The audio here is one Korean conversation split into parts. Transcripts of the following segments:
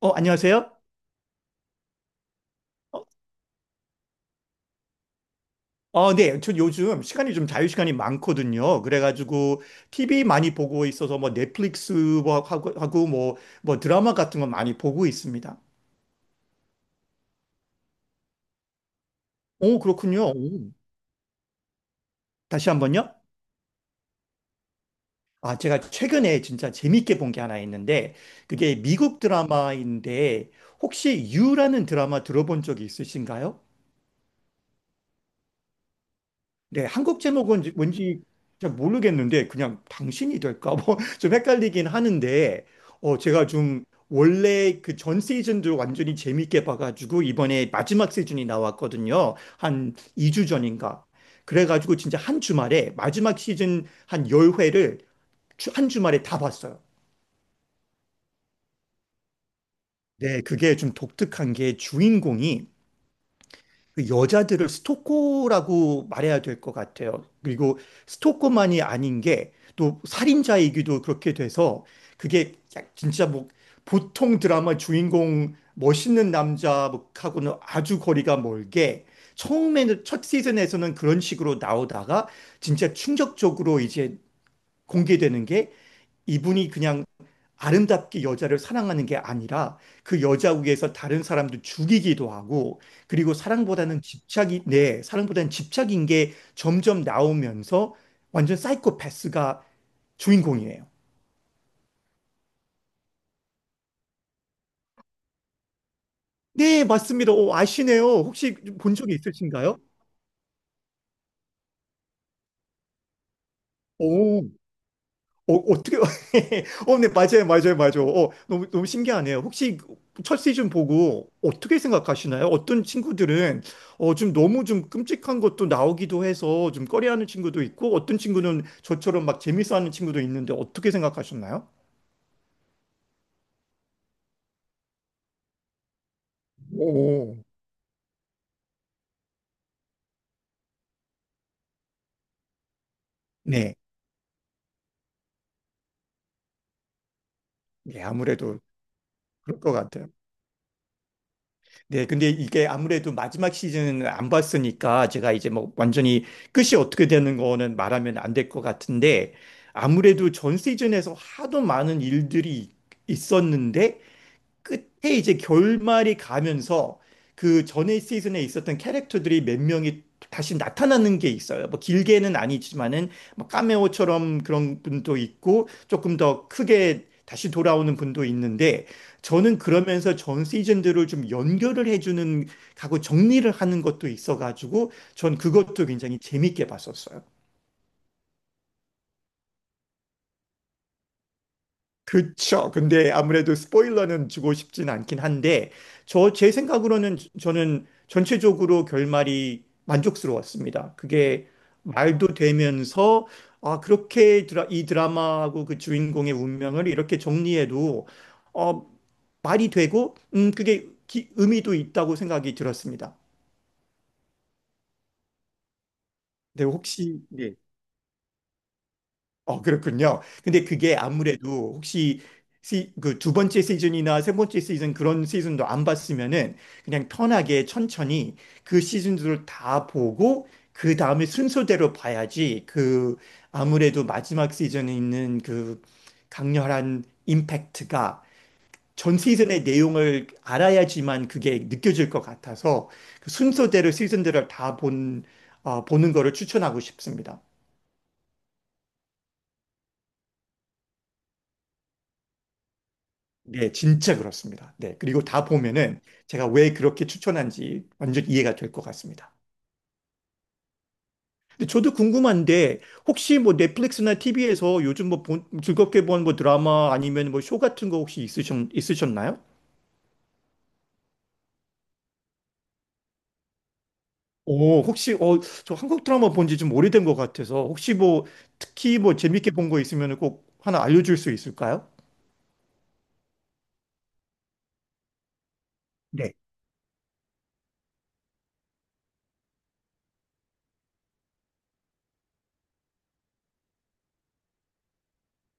안녕하세요? 어, 네. 저 요즘 시간이 좀 자유시간이 많거든요. 그래가지고 TV 많이 보고 있어서 뭐 넷플릭스 뭐 하고 뭐 드라마 같은 거 많이 보고 있습니다. 오, 그렇군요. 오. 다시 한번요. 아, 제가 최근에 진짜 재밌게 본 게 하나 있는데 그게 미국 드라마인데 혹시 유라는 드라마 들어본 적이 있으신가요? 네, 한국 제목은 뭔지 잘 모르겠는데 그냥 당신이 될까 뭐 좀 헷갈리긴 하는데 제가 좀 원래 그 전 시즌도 완전히 재밌게 봐가지고 이번에 마지막 시즌이 나왔거든요. 한 2주 전인가. 그래가지고 진짜 한 주말에 마지막 시즌 한 10회를 한 주말에 다 봤어요. 네, 그게 좀 독특한 게 주인공이 그 여자들을 스토커라고 말해야 될 것 같아요. 그리고 스토커만이 아닌 게 또 살인자이기도 그렇게 돼서 그게 진짜 뭐 보통 드라마 주인공 멋있는 남자하고는 아주 거리가 멀게 처음에는 첫 시즌에서는 그런 식으로 나오다가 진짜 충격적으로 이제 공개되는 게 이분이 그냥 아름답게 여자를 사랑하는 게 아니라 그 여자 위에서 다른 사람도 죽이기도 하고 그리고 사랑보다는 집착이 네, 사랑보다는 집착인 게 점점 나오면서 완전 사이코패스가 주인공이에요. 네, 맞습니다. 오, 아시네요. 혹시 본 적이 있으신가요? 오, 어떻게, 네, 맞아요, 맞아요, 맞아요. 너무, 너무 신기하네요. 혹시 첫 시즌 보고 어떻게 생각하시나요? 어떤 친구들은, 좀 너무 좀 끔찍한 것도 나오기도 해서 좀 꺼려하는 친구도 있고, 어떤 친구는 저처럼 막 재밌어하는 친구도 있는데 어떻게 생각하셨나요? 오, 네. 네, 아무래도 그럴 것 같아요. 네, 근데 이게 아무래도 마지막 시즌은 안 봤으니까 제가 이제 뭐 완전히 끝이 어떻게 되는 거는 말하면 안 될 것 같은데 아무래도 전 시즌에서 하도 많은 일들이 있었는데 끝에 이제 결말이 가면서 그 전에 시즌에 있었던 캐릭터들이 몇 명이 다시 나타나는 게 있어요. 뭐 길게는 아니지만은 뭐 카메오처럼 그런 분도 있고 조금 더 크게 다시 돌아오는 분도 있는데 저는 그러면서 전 시즌들을 좀 연결을 해주는 하고 정리를 하는 것도 있어가지고 전 그것도 굉장히 재밌게 봤었어요. 그쵸. 근데 아무래도 스포일러는 주고 싶진 않긴 한데, 제 생각으로는 저는 전체적으로 결말이 만족스러웠습니다. 그게 말도 되면서, 아, 그렇게 이 드라마하고 그 주인공의 운명을 이렇게 정리해도, 어, 말이 되고, 그게 의미도 있다고 생각이 들었습니다. 네, 혹시, 네. 그렇군요. 근데 그게 아무래도 혹시 그 두 번째 시즌이나 세 번째 시즌 그런 시즌도 안 봤으면은 그냥 편하게 천천히 그 시즌들을 다 보고 그 다음에 순서대로 봐야지 그 아무래도 마지막 시즌에 있는 그 강렬한 임팩트가 전 시즌의 내용을 알아야지만 그게 느껴질 것 같아서 그 순서대로 시즌들을 다 본, 보는 거를 추천하고 싶습니다. 네, 진짜 그렇습니다. 네, 그리고 다 보면은 제가 왜 그렇게 추천한지 완전 이해가 될 것 같습니다. 근데 저도 궁금한데 혹시 뭐 넷플릭스나 TV에서 요즘 뭐 본, 즐겁게 본 뭐 드라마 아니면 뭐 쇼 같은 거 혹시 있으셨, 있으셨나요? 오, 혹시 저 한국 드라마 본지 좀 오래된 것 같아서 혹시 뭐 특히 뭐 재밌게 본 거 있으면 꼭 하나 알려줄 수 있을까요?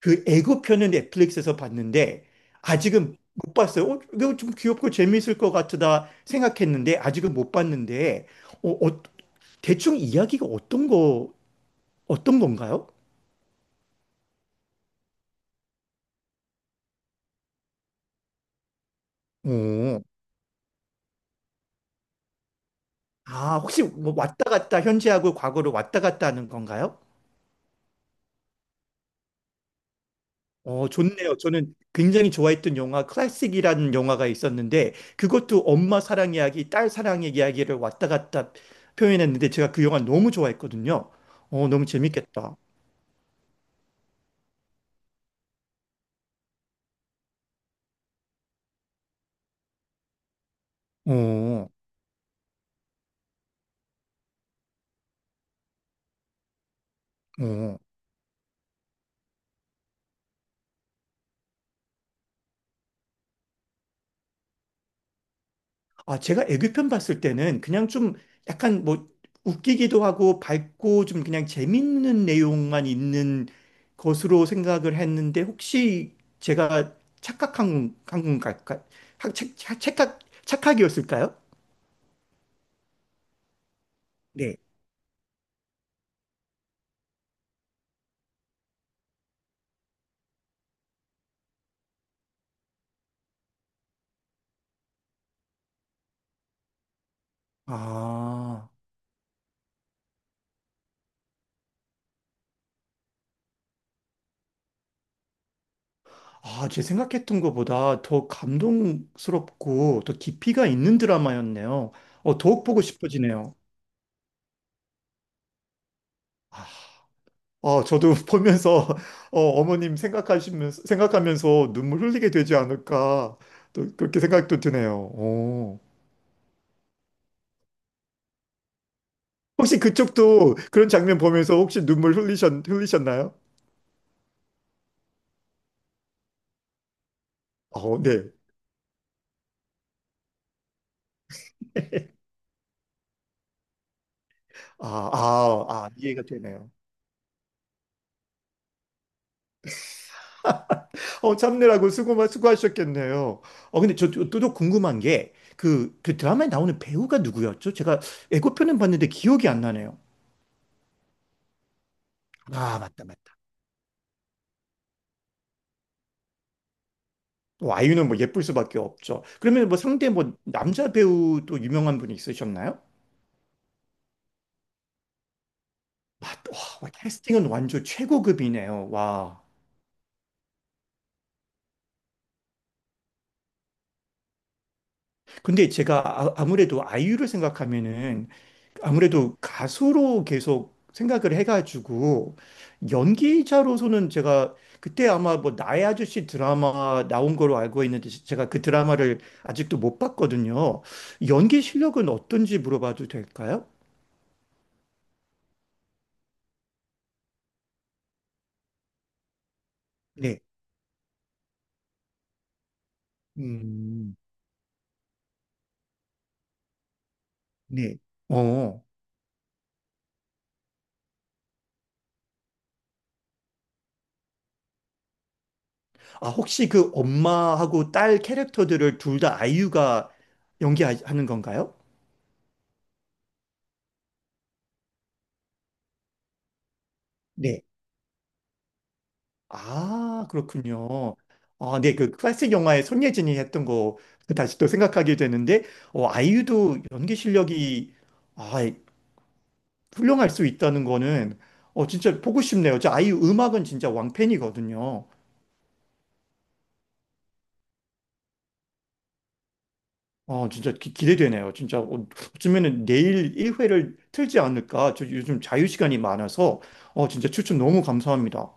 그애고편은 넷플릭스에서 봤는데 아직은 못 봤어요. 이거 좀 귀엽고 재밌을 것 같다 생각했는데 아직은 못 봤는데 어, 어, 대충 이야기가 어떤 건가요? 오. 아, 혹시 뭐 왔다 갔다 현재하고 과거로 왔다 갔다 하는 건가요? 좋네요. 저는 굉장히 좋아했던 영화 클래식이라는 영화가 있었는데 그것도 엄마 사랑 이야기, 딸 사랑 의 이야기를 왔다 갔다 표현했는데 제가 그 영화 너무 좋아했거든요. 너무 재밌겠다. 어, 어. 아, 제가 애교편 봤을 때는 그냥 좀 약간 뭐 웃기기도 하고 밝고 좀 그냥 재밌는 내용만 있는 것으로 생각을 했는데 혹시 제가 착각한 한 건가? 착각, 착각이었을까요? 네. 아, 아, 제 생각했던 것보다 더 감동스럽고 더 깊이가 있는 드라마였네요. 더욱 보고 싶어지네요. 저도 보면서 어머님 생각하시면서 생각하면서 눈물 흘리게 되지 않을까 또 그렇게 생각도 드네요. 어. 혹시 그쪽도 그런 장면 보면서 혹시 눈물 흘리셨 흘리셨나요? 어, 네. 아, 아, 아, 이해가 되네요. 참느라고 수고 수고하셨겠네요. 근데 저또 궁금한 게 그 드라마에 나오는 배우가 누구였죠? 제가 예고편은 봤는데 기억이 안 나네요. 아, 맞다, 맞다. 또 아이유는 뭐 예쁠 수밖에 없죠. 그러면 뭐 상대 뭐 남자 배우 또 유명한 분이 있으셨나요? 아, 와, 와, 캐스팅은 완전 최고급이네요. 와. 근데 제가 아무래도 아이유를 생각하면은 아무래도 가수로 계속 생각을 해가지고 연기자로서는 제가 그때 아마 뭐 나의 아저씨 드라마 나온 걸로 알고 있는데 제가 그 드라마를 아직도 못 봤거든요. 연기 실력은 어떤지 물어봐도 될까요? 네. 음, 네. 어. 아, 혹시 그 엄마하고 딸 캐릭터들을 둘 다 아이유가 연기하는 건가요? 네. 아, 그렇군요. 아, 네, 그 클래식 영화에 손예진이 했던 거 그 다시 또 생각하게 되는데, 아이유도 연기 실력이 아, 훌륭할 수 있다는 거는 진짜 보고 싶네요. 저 아이유 음악은 진짜 왕팬이거든요. 진짜 대되네요 진짜 어쩌면은 내일 1회를 틀지 않을까. 저 요즘 자유 시간이 많아서 진짜 추천 너무 감사합니다.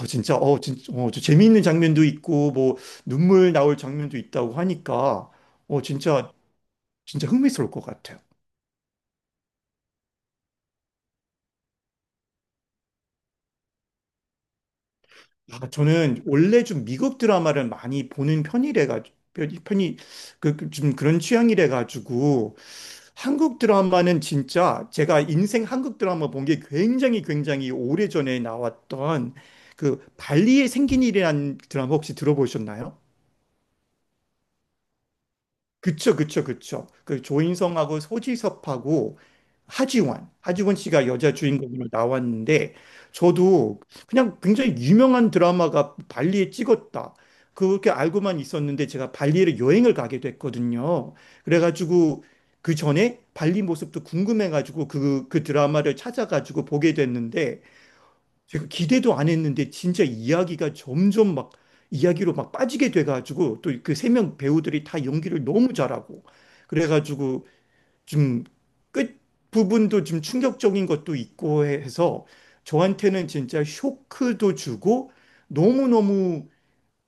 진짜, 진짜, 저 재미있는 장면도 있고, 뭐, 눈물 나올 장면도 있다고 하니까, 진짜, 진짜 흥미스러울 것 같아요. 아, 저는 원래 좀 미국 드라마를 많이 보는 편이래가지고, 좀 그런 취향이래가지고, 한국 드라마는 진짜 제가 인생 한국 드라마 본 게 굉장히 굉장히 오래전에 나왔던 그 발리에 생긴 일이라는 드라마 혹시 들어보셨나요? 그쵸, 그쵸, 그쵸. 그 조인성하고 소지섭하고 하지원 씨가 여자 주인공으로 나왔는데, 저도 그냥 굉장히 유명한 드라마가 발리에 찍었다. 그렇게 알고만 있었는데, 제가 발리에 여행을 가게 됐거든요. 그래가지고, 그 전에 발리 모습도 궁금해가지고, 그, 그 드라마를 찾아가지고 보게 됐는데, 제가 기대도 안 했는데 진짜 이야기가 점점 막 이야기로 막 빠지게 돼가지고 또 그 세 명 배우들이 다 연기를 너무 잘하고 그래가지고 좀 끝 부분도 좀 충격적인 것도 있고 해서 저한테는 진짜 쇼크도 주고 너무너무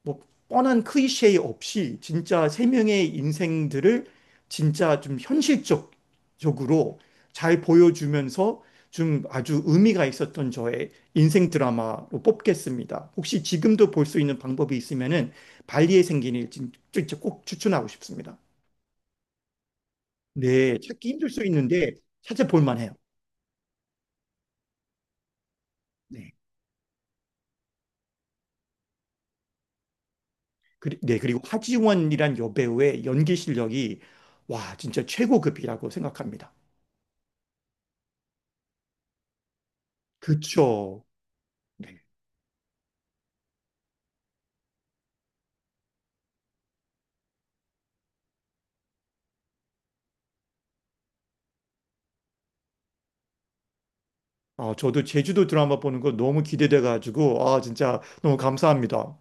뭐 뻔한 클리셰 없이 진짜 세 명의 인생들을 진짜 좀 현실적적으로 잘 보여주면서 좀 아주 의미가 있었던 저의 인생 드라마로 뽑겠습니다. 혹시 지금도 볼 수 있는 방법이 있으면은 발리에 생긴 일 진짜 꼭 추천하고 싶습니다. 네, 찾기 힘들 수 있는데 찾아볼 만해요. 네. 그리, 네, 그리고 하지원이란 여배우의 연기 실력이 와, 진짜 최고급이라고 생각합니다. 그쵸. 아, 저도 제주도 드라마 보는 거 너무 기대돼가지고, 아, 진짜 너무 감사합니다.